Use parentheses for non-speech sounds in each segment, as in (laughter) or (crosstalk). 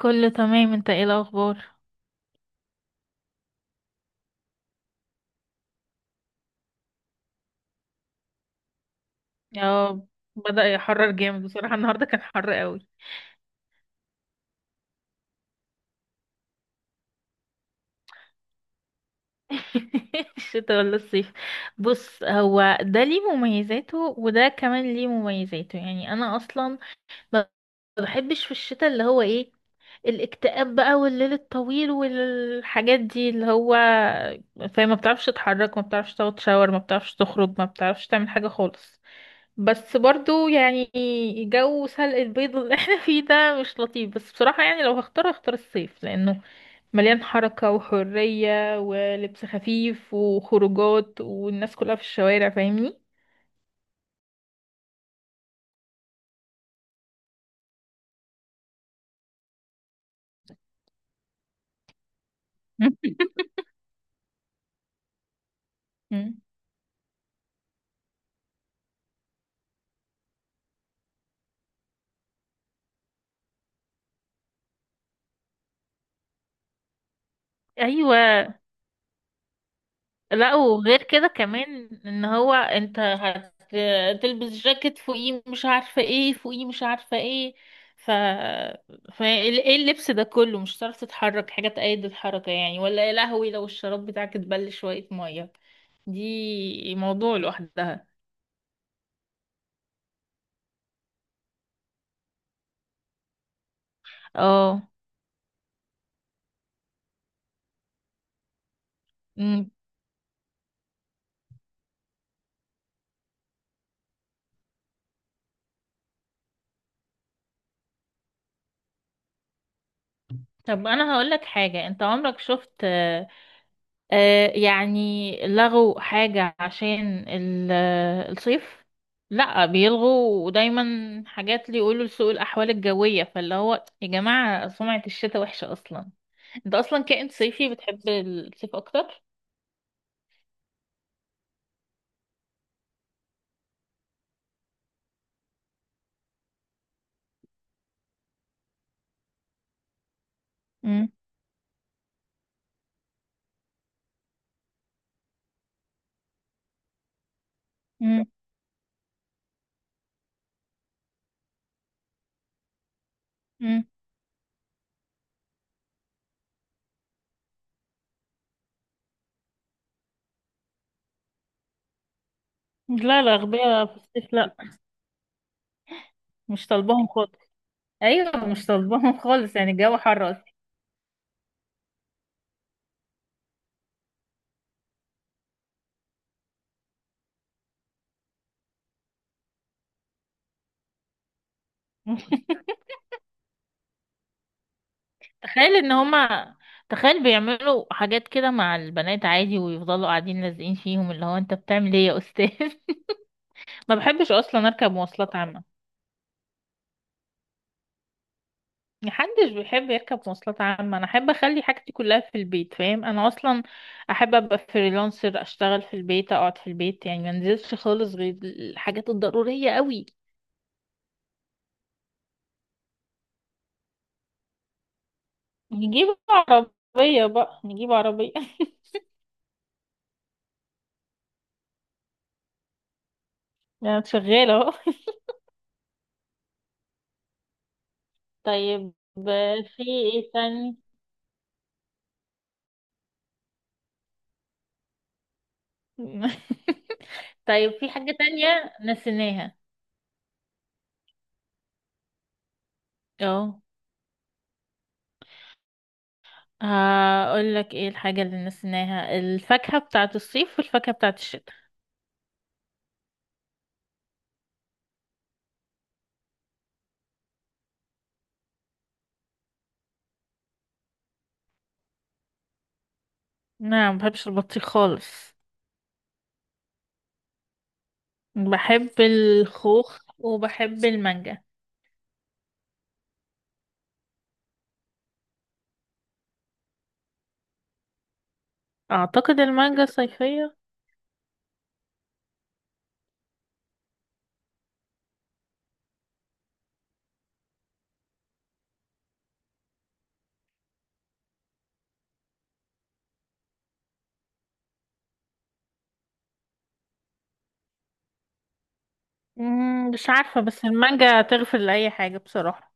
كله تمام، انت ايه الاخبار؟ اه، بدأ يحرر جامد بصراحة، النهاردة كان حر قوي. (laughs) الشتاء ولا الصيف؟ بص، هو ده ليه مميزاته وده كمان ليه مميزاته. يعني انا اصلا ما بحبش في الشتاء اللي هو ايه، الاكتئاب بقى والليل الطويل والحاجات دي اللي هو، فما بتعرفش تتحرك، ما بتعرفش تاخد شاور، ما بتعرفش تخرج، ما بتعرفش تعمل حاجة خالص. بس برضو يعني جو سلق البيض اللي احنا فيه ده مش لطيف، بس بصراحة يعني لو هختار هختار الصيف، لأنه مليان حركة وحرية ولبس خفيف وخروجات والناس كلها في الشوارع، فاهمني؟ (laughs) مم. أيوة. لا، وغير كده كمان ان هو انت هتلبس جاكيت، فوقيه مش عارفة ايه، فوقيه مش عارفة ايه، ف... ف ايه اللبس ده كله؟ مش هتعرف تتحرك حاجة تأيد الحركة يعني، ولا يا لهوي لو الشراب بتاعك اتبل شوية مية دي موضوع لوحدها. اه. أمم. طب انا هقولك حاجة، انت عمرك شفت يعني لغوا حاجة عشان الصيف؟ لا، بيلغوا دايما حاجات اللي يقولوا لسوء الأحوال الجوية، فاللي هو يا جماعة سمعة الشتاء وحشة أصلا. أنت أصلا كائن صيفي، بتحب الصيف أكتر؟ مم. مم. مم. لا لا، أغبياء في الصيف لا، مش طالباهم خالص. أيوة، مش طالباهم خالص، يعني الجو حر أصلا. (laughs) تخيل ان هما، تخيل بيعملوا حاجات كده مع البنات عادي، ويفضلوا قاعدين لازقين فيهم، اللي هو انت بتعمل ايه يا استاذ؟ (laughs) ما بحبش اصلا اركب مواصلات عامة. محدش بيحب يركب مواصلات عامة، انا احب اخلي حاجتي كلها في البيت، فاهم؟ انا اصلا احب ابقى فريلانسر، اشتغل في البيت، اقعد في البيت، يعني ما انزلش خالص غير الحاجات الضرورية قوي. نجيب عربية بقى، نجيب عربية. (laughs) يعني شغالة اهو. طيب، في ايه تاني؟ (laughs) طيب في حاجة تانية نسيناها. اه، هقول لك ايه الحاجة اللي نسيناها، الفاكهة بتاعة الصيف والفاكهة بتاعة الشتاء. نعم، ما بحبش البطيخ خالص. بحب الخوخ وبحب المانجا. اعتقد المانجا صيفية. مم، مش عارفة، بس المانجا تغفر لأي حاجة بصراحة.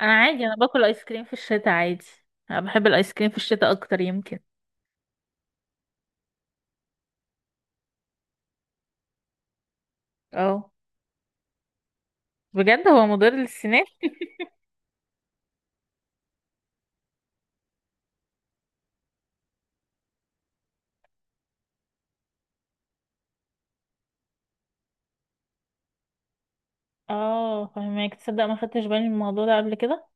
انا عادي، انا باكل ايس كريم في الشتاء عادي. انا بحب الايس كريم في الشتاء اكتر يمكن. اه. بجد هو مضر للسنان؟ اه فهمك، تصدق ما خدتش بالي من الموضوع ده قبل كده؟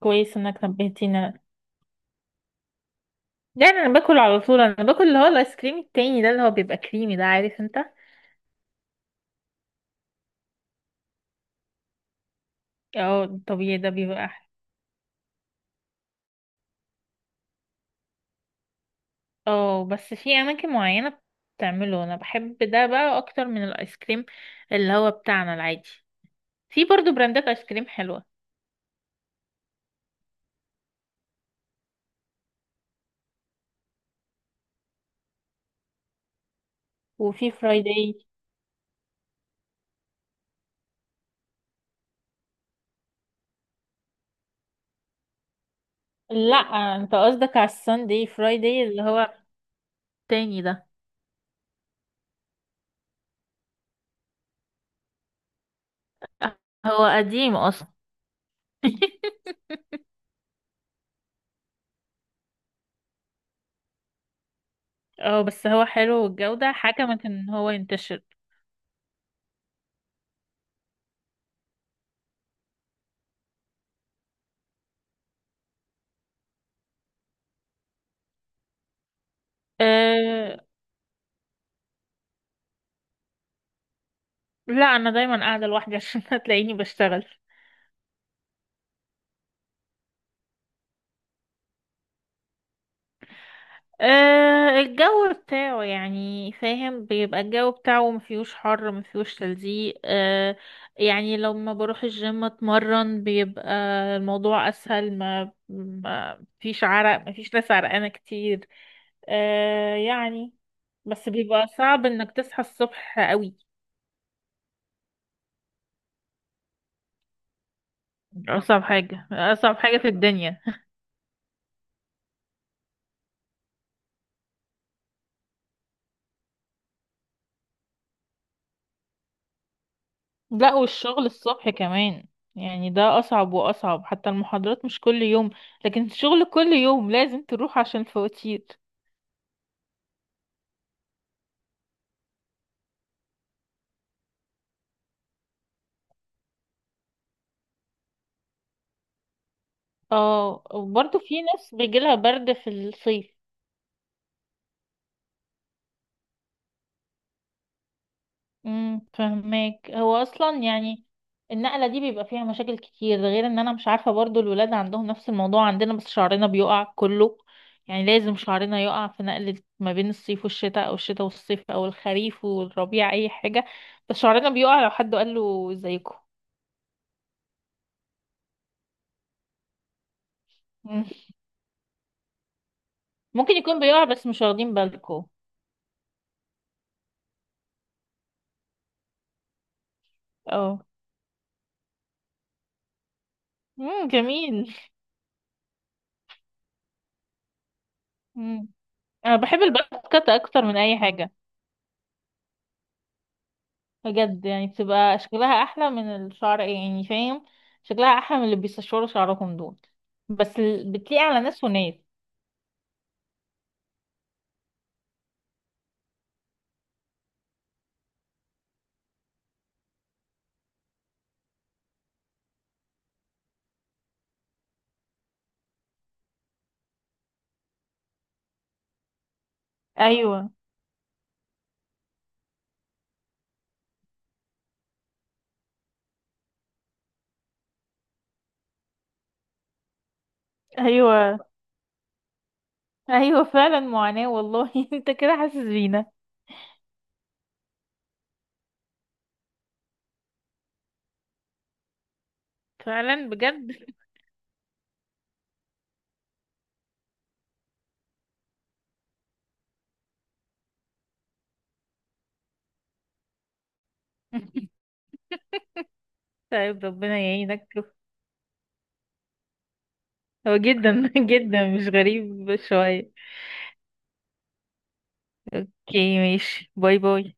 كويس انك نبهتيني. يعني انا باكل على طول، انا باكل اللي هو الايس كريم التاني ده اللي هو بيبقى كريمي ده، عارف انت؟ اه الطبيعي ده بيبقى احلى. اه بس في اماكن معينة بتعمله، انا بحب ده بقى اكتر من الايس كريم اللي هو بتاعنا العادي. في برضو براندات ايس كريم حلوة، وفي فرايداي. لا، انت قصدك على الساندي فرايداي اللي هو التاني ده. هو قديم اصلا. (laughs) اه بس هو حلو، والجودة حكمت ان هو ينتشر. أه. لا، انا دايما قاعدة لوحدي (laughs) عشان هتلاقيني بشتغل. أه الجو بتاعه، يعني فاهم، بيبقى الجو بتاعه مفيهوش حر مفيهوش تلزيق. أه يعني لما بروح الجيم اتمرن بيبقى الموضوع اسهل، ما فيش عرق، مفيش ناس عرقانة كتير. أه يعني. بس بيبقى صعب انك تصحى الصبح قوي. اصعب حاجة، اصعب حاجة في الدنيا. لا، والشغل الصبح كمان، يعني ده أصعب وأصعب. حتى المحاضرات مش كل يوم، لكن الشغل كل يوم لازم تروح عشان الفواتير. اه، وبرضه في ناس بيجيلها برد في الصيف. فهماك، هو أصلا يعني النقلة دي بيبقى فيها مشاكل كتير، غير ان انا مش عارفة برضه الولاد عندهم نفس الموضوع عندنا، بس شعرنا بيقع كله. يعني لازم شعرنا يقع في نقلة ما بين الصيف والشتاء، او الشتاء والصيف، او الخريف والربيع، اي حاجة بس شعرنا بيقع. لو حد قال له زيكم؟ مم. ممكن يكون بيقع بس مش واخدين بالكم. اه. مم، جميل. مم. انا بحب الباك كات اكتر من اي حاجه. بجد، يعني بتبقى شكلها احلى من الشعر، يعني فاهم؟ شكلها احلى من اللي بيستشوروا شعرهم دول. بس بتليق على ناس وناس. ايوه. ايوه. ايوه فعلا، معاناه والله. (laughs) انت كده حاسس بينا. فعلا بجد. (laughs) طيب ربنا يعينك. هو جدا (laughs) جدا مش غريب شويه. اوكي ماشي، باي باي.